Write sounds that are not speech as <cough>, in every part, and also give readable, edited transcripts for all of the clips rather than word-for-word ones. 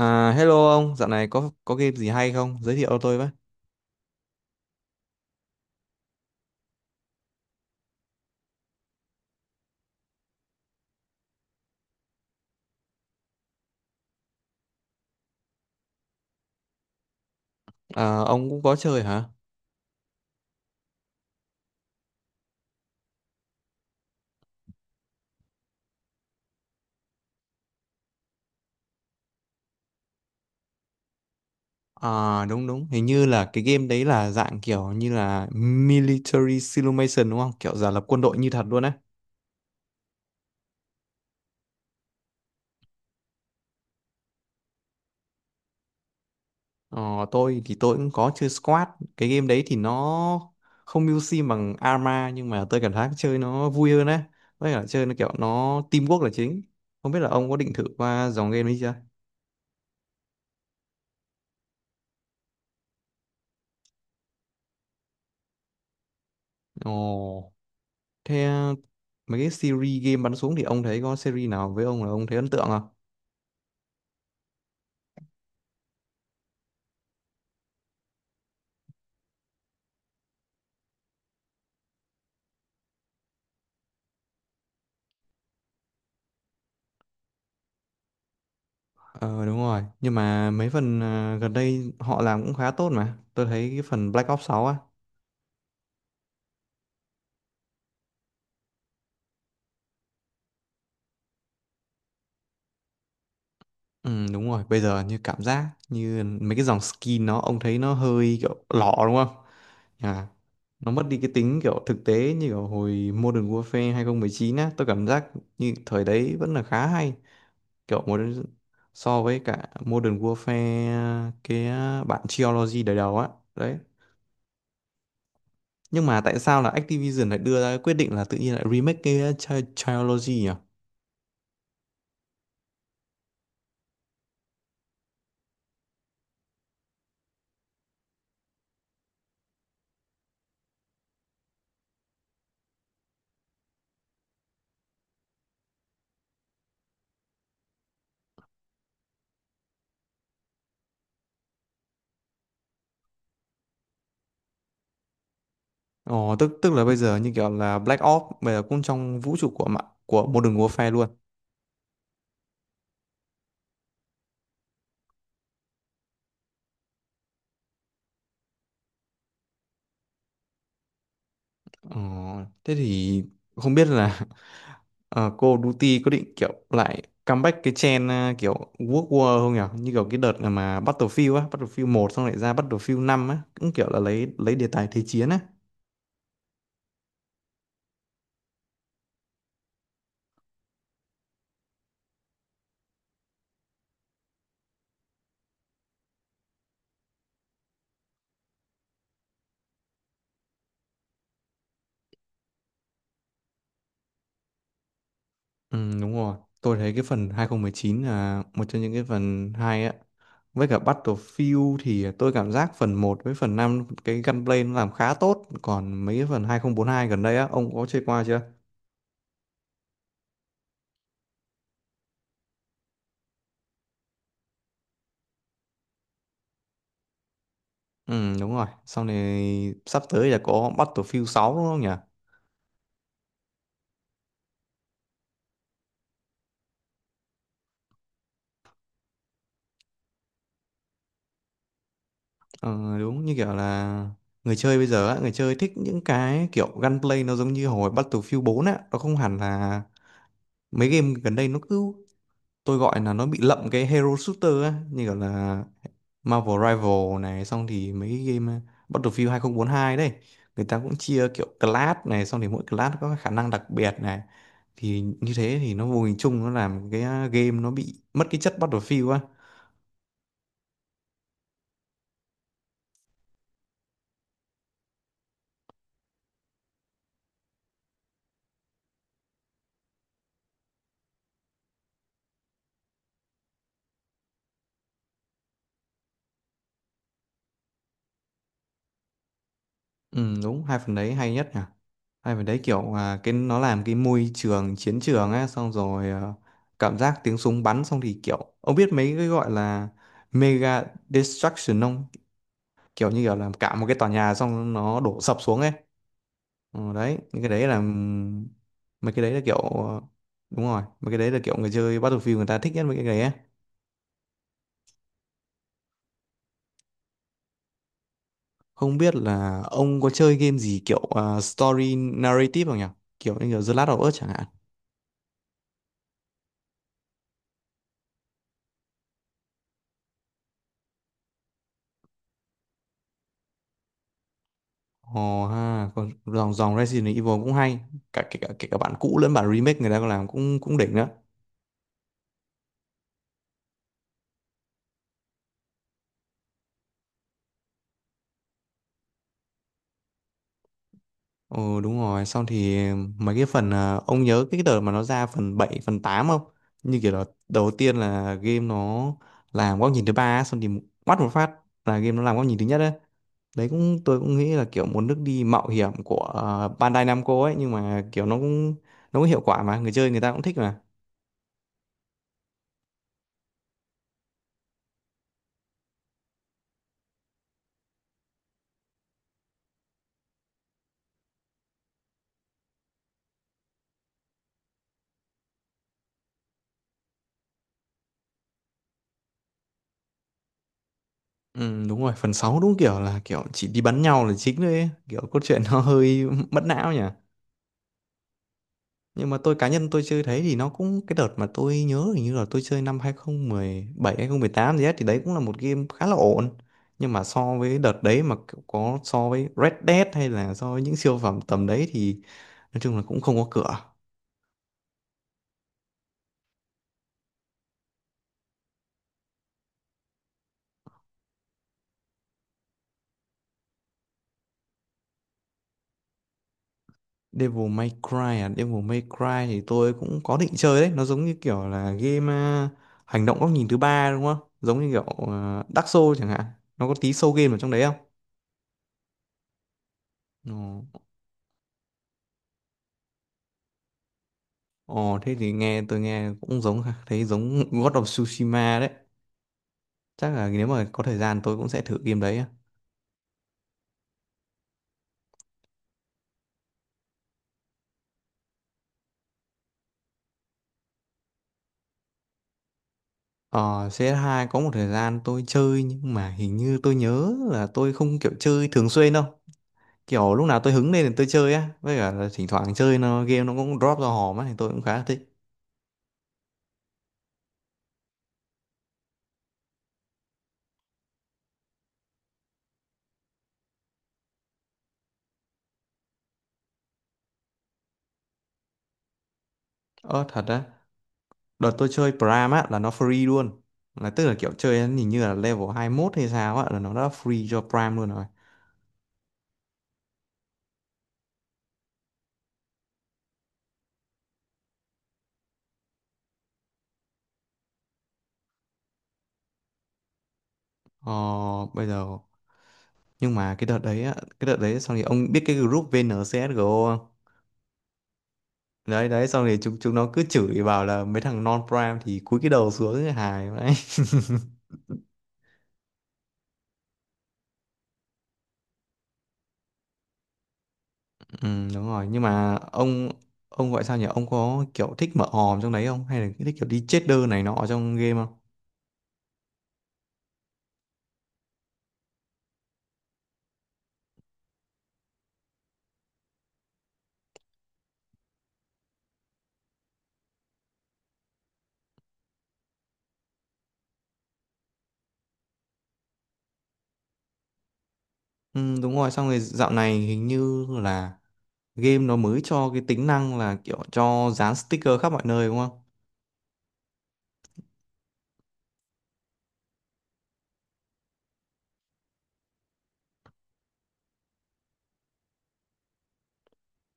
À, hello ông, dạo này có game gì hay không? Giới thiệu cho tôi với. À, ông cũng có chơi hả? À, đúng đúng, hình như là cái game đấy là dạng kiểu như là military simulation đúng không? Kiểu giả lập quân đội như thật luôn á. Ờ, tôi thì tôi cũng có chơi Squad. Cái game đấy thì nó không mưu sim bằng Arma nhưng mà tôi cảm thấy chơi nó vui hơn á. Với cả chơi nó kiểu nó teamwork là chính. Không biết là ông có định thử qua dòng game ấy chưa? Ồ. Thế mấy cái series game bắn súng thì ông thấy có series nào với ông là ông thấy ấn tượng không? Ờ đúng rồi, nhưng mà mấy phần gần đây họ làm cũng khá tốt mà. Tôi thấy cái phần Black Ops sáu á. Ừ, đúng rồi, bây giờ như cảm giác như mấy cái dòng skin nó ông thấy nó hơi kiểu lọ đúng không? À, nó mất đi cái tính kiểu thực tế như kiểu hồi Modern Warfare 2019 á, tôi cảm giác như thời đấy vẫn là khá hay. Kiểu một so với cả Modern Warfare cái bản Trilogy đời đầu á, đấy. Nhưng mà tại sao là Activision lại đưa ra cái quyết định là tự nhiên lại remake cái Trilogy nhỉ? Ồ, tức tức là bây giờ như kiểu là Black Ops bây giờ cũng trong vũ trụ của mạng của Modern Warfare luôn. Ờ, thế thì không biết là <laughs> ờ, Call of Duty có định kiểu lại comeback cái trend kiểu World War không nhỉ? Như kiểu cái đợt mà Battlefield á, Battlefield một xong lại ra Battlefield năm á, cũng kiểu là lấy đề tài thế chiến á. Ừ, đúng rồi. Tôi thấy cái phần 2019 là một trong những cái phần hay á. Với cả Battlefield thì tôi cảm giác phần một với phần 5 cái gunplay nó làm khá tốt. Còn mấy cái phần 2042 gần đây á, ông có chơi qua chưa? Ừ, đúng rồi. Sau này sắp tới là có Battlefield 6 đúng không nhỉ? Ờ, đúng như kiểu là người chơi bây giờ á, người chơi thích những cái kiểu gunplay nó giống như hồi Battlefield bốn á. Nó không hẳn là mấy game gần đây nó cứ tôi gọi là nó bị lậm cái hero shooter á, như kiểu là Marvel Rival này xong thì mấy cái game Battlefield 2042 đấy, người ta cũng chia kiểu class này xong thì mỗi class có khả năng đặc biệt này, thì như thế thì nó vô hình chung nó làm cái game nó bị mất cái chất Battlefield á. Ừ, đúng, hai phần đấy hay nhất nhỉ. Hai phần đấy kiểu cái nó làm cái môi trường chiến trường á xong rồi à, cảm giác tiếng súng bắn xong thì kiểu ông biết mấy cái gọi là mega destruction không, kiểu như kiểu là cả một cái tòa nhà xong nó đổ sập xuống ấy. Ờ, đấy những cái đấy là mấy cái đấy là kiểu đúng rồi mấy cái đấy là kiểu người chơi Battlefield người ta thích nhất mấy cái đấy ấy. Không biết là ông có chơi game gì kiểu story narrative không nhỉ, kiểu như kiểu The Last of Us chẳng hạn. Ồ ha, còn dòng dòng Resident Evil cũng hay, cả kể cả bản cũ lẫn bản remake người ta còn làm cũng cũng đỉnh đó. Ừ đúng rồi, xong thì mấy cái phần à, ông nhớ cái đợt mà nó ra phần 7 phần 8 không? Như kiểu là đầu tiên là game nó làm góc nhìn thứ ba á, xong thì quát một phát là game nó làm góc nhìn thứ nhất đấy. Đấy cũng tôi cũng nghĩ là kiểu một nước đi mạo hiểm của Bandai Namco ấy, nhưng mà kiểu nó cũng hiệu quả mà người chơi người ta cũng thích mà. Ừ đúng rồi, phần 6 đúng kiểu là kiểu chỉ đi bắn nhau là chính thôi ấy. Kiểu cốt truyện nó hơi <laughs> mất não nhỉ. Nhưng mà tôi cá nhân tôi chơi thấy thì nó cũng cái đợt mà tôi nhớ hình như là tôi chơi năm 2017 tám gì á thì đấy cũng là một game khá là ổn. Nhưng mà so với đợt đấy mà kiểu có so với Red Dead hay là so với những siêu phẩm tầm đấy thì nói chung là cũng không có cửa. Devil May Cry Devil May Cry thì tôi cũng có định chơi đấy, nó giống như kiểu là game hành động góc nhìn thứ ba đúng không? Giống như kiểu Dark Souls chẳng hạn. Nó có tí soul game ở trong đấy không? Ồ. Ồ thế thì nghe tôi nghe cũng giống ha, thấy giống God of Tsushima đấy. Chắc là nếu mà có thời gian tôi cũng sẽ thử game đấy á. Ờ CS2 có một thời gian tôi chơi nhưng mà hình như tôi nhớ là tôi không kiểu chơi thường xuyên đâu. Kiểu lúc nào tôi hứng lên thì tôi chơi á, với cả là thỉnh thoảng chơi nó game nó cũng drop ra hòm á thì tôi cũng khá là thích. Ờ thật á, đợt tôi chơi Prime á là nó free luôn. Là tức là kiểu chơi hình như là level 21 hay sao á là nó đã free cho Prime luôn rồi. Ờ bây giờ nhưng mà cái đợt đấy á, cái đợt đấy xong thì ông biết cái group VNCSGO không? Đấy đấy xong thì chúng chúng nó cứ chửi bảo là mấy thằng non prime thì cúi cái đầu xuống cái hài đấy. <laughs> Ừ, đúng rồi nhưng mà ông gọi sao nhỉ, ông có kiểu thích mở hòm trong đấy không hay là thích kiểu đi cheater này nọ ở trong game không? Ừ, đúng rồi xong rồi dạo này hình như là game nó mới cho cái tính năng là kiểu cho dán sticker khắp mọi nơi đúng không?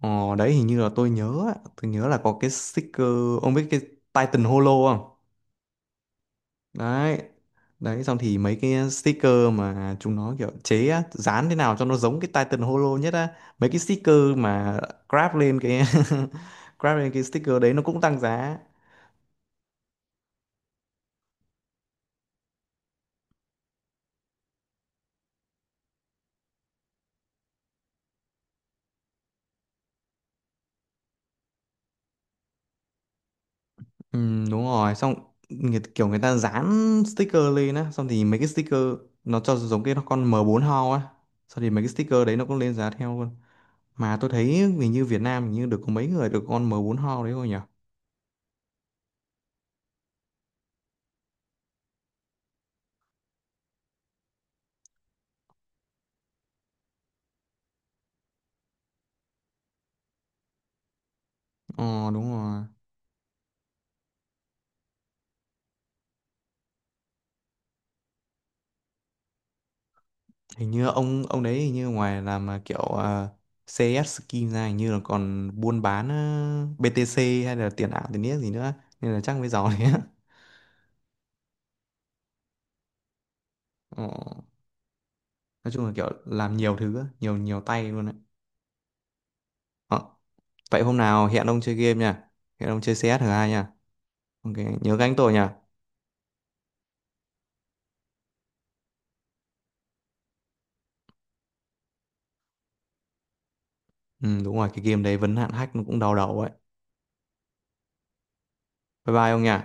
Ờ đấy hình như là tôi nhớ á, tôi nhớ là có cái sticker, ông biết cái Titan Holo không? Đấy đấy xong thì mấy cái sticker mà chúng nó kiểu chế á, dán thế nào cho nó giống cái Titan Holo nhất á, mấy cái sticker mà grab lên cái <laughs> grab lên cái sticker đấy nó cũng tăng giá. Ừ, đúng rồi xong người, kiểu người ta dán sticker lên á xong thì mấy cái sticker nó cho giống cái con m bốn Hao á, xong thì mấy cái sticker đấy nó cũng lên giá theo luôn. Mà tôi thấy hình như Việt Nam hình như được có mấy người được con m bốn Hao đấy thôi nhỉ. Ờ đúng rồi. Hình như ông đấy hình như ngoài làm kiểu CS skin ra hình như là còn buôn bán BTC hay là tiền ảo tiền niếc gì nữa nên là chắc mới giàu đấy á. Ờ, nói chung là kiểu làm nhiều thứ á, nhiều nhiều tay luôn đấy. Ờ, vậy hôm nào hẹn ông chơi game nha. Hẹn ông chơi CS thử hai nha. Ok, nhớ gánh tôi nha. Ừ, đúng rồi, cái game đấy vấn hạn hack nó cũng đau đầu ấy. Bye bye ông nha.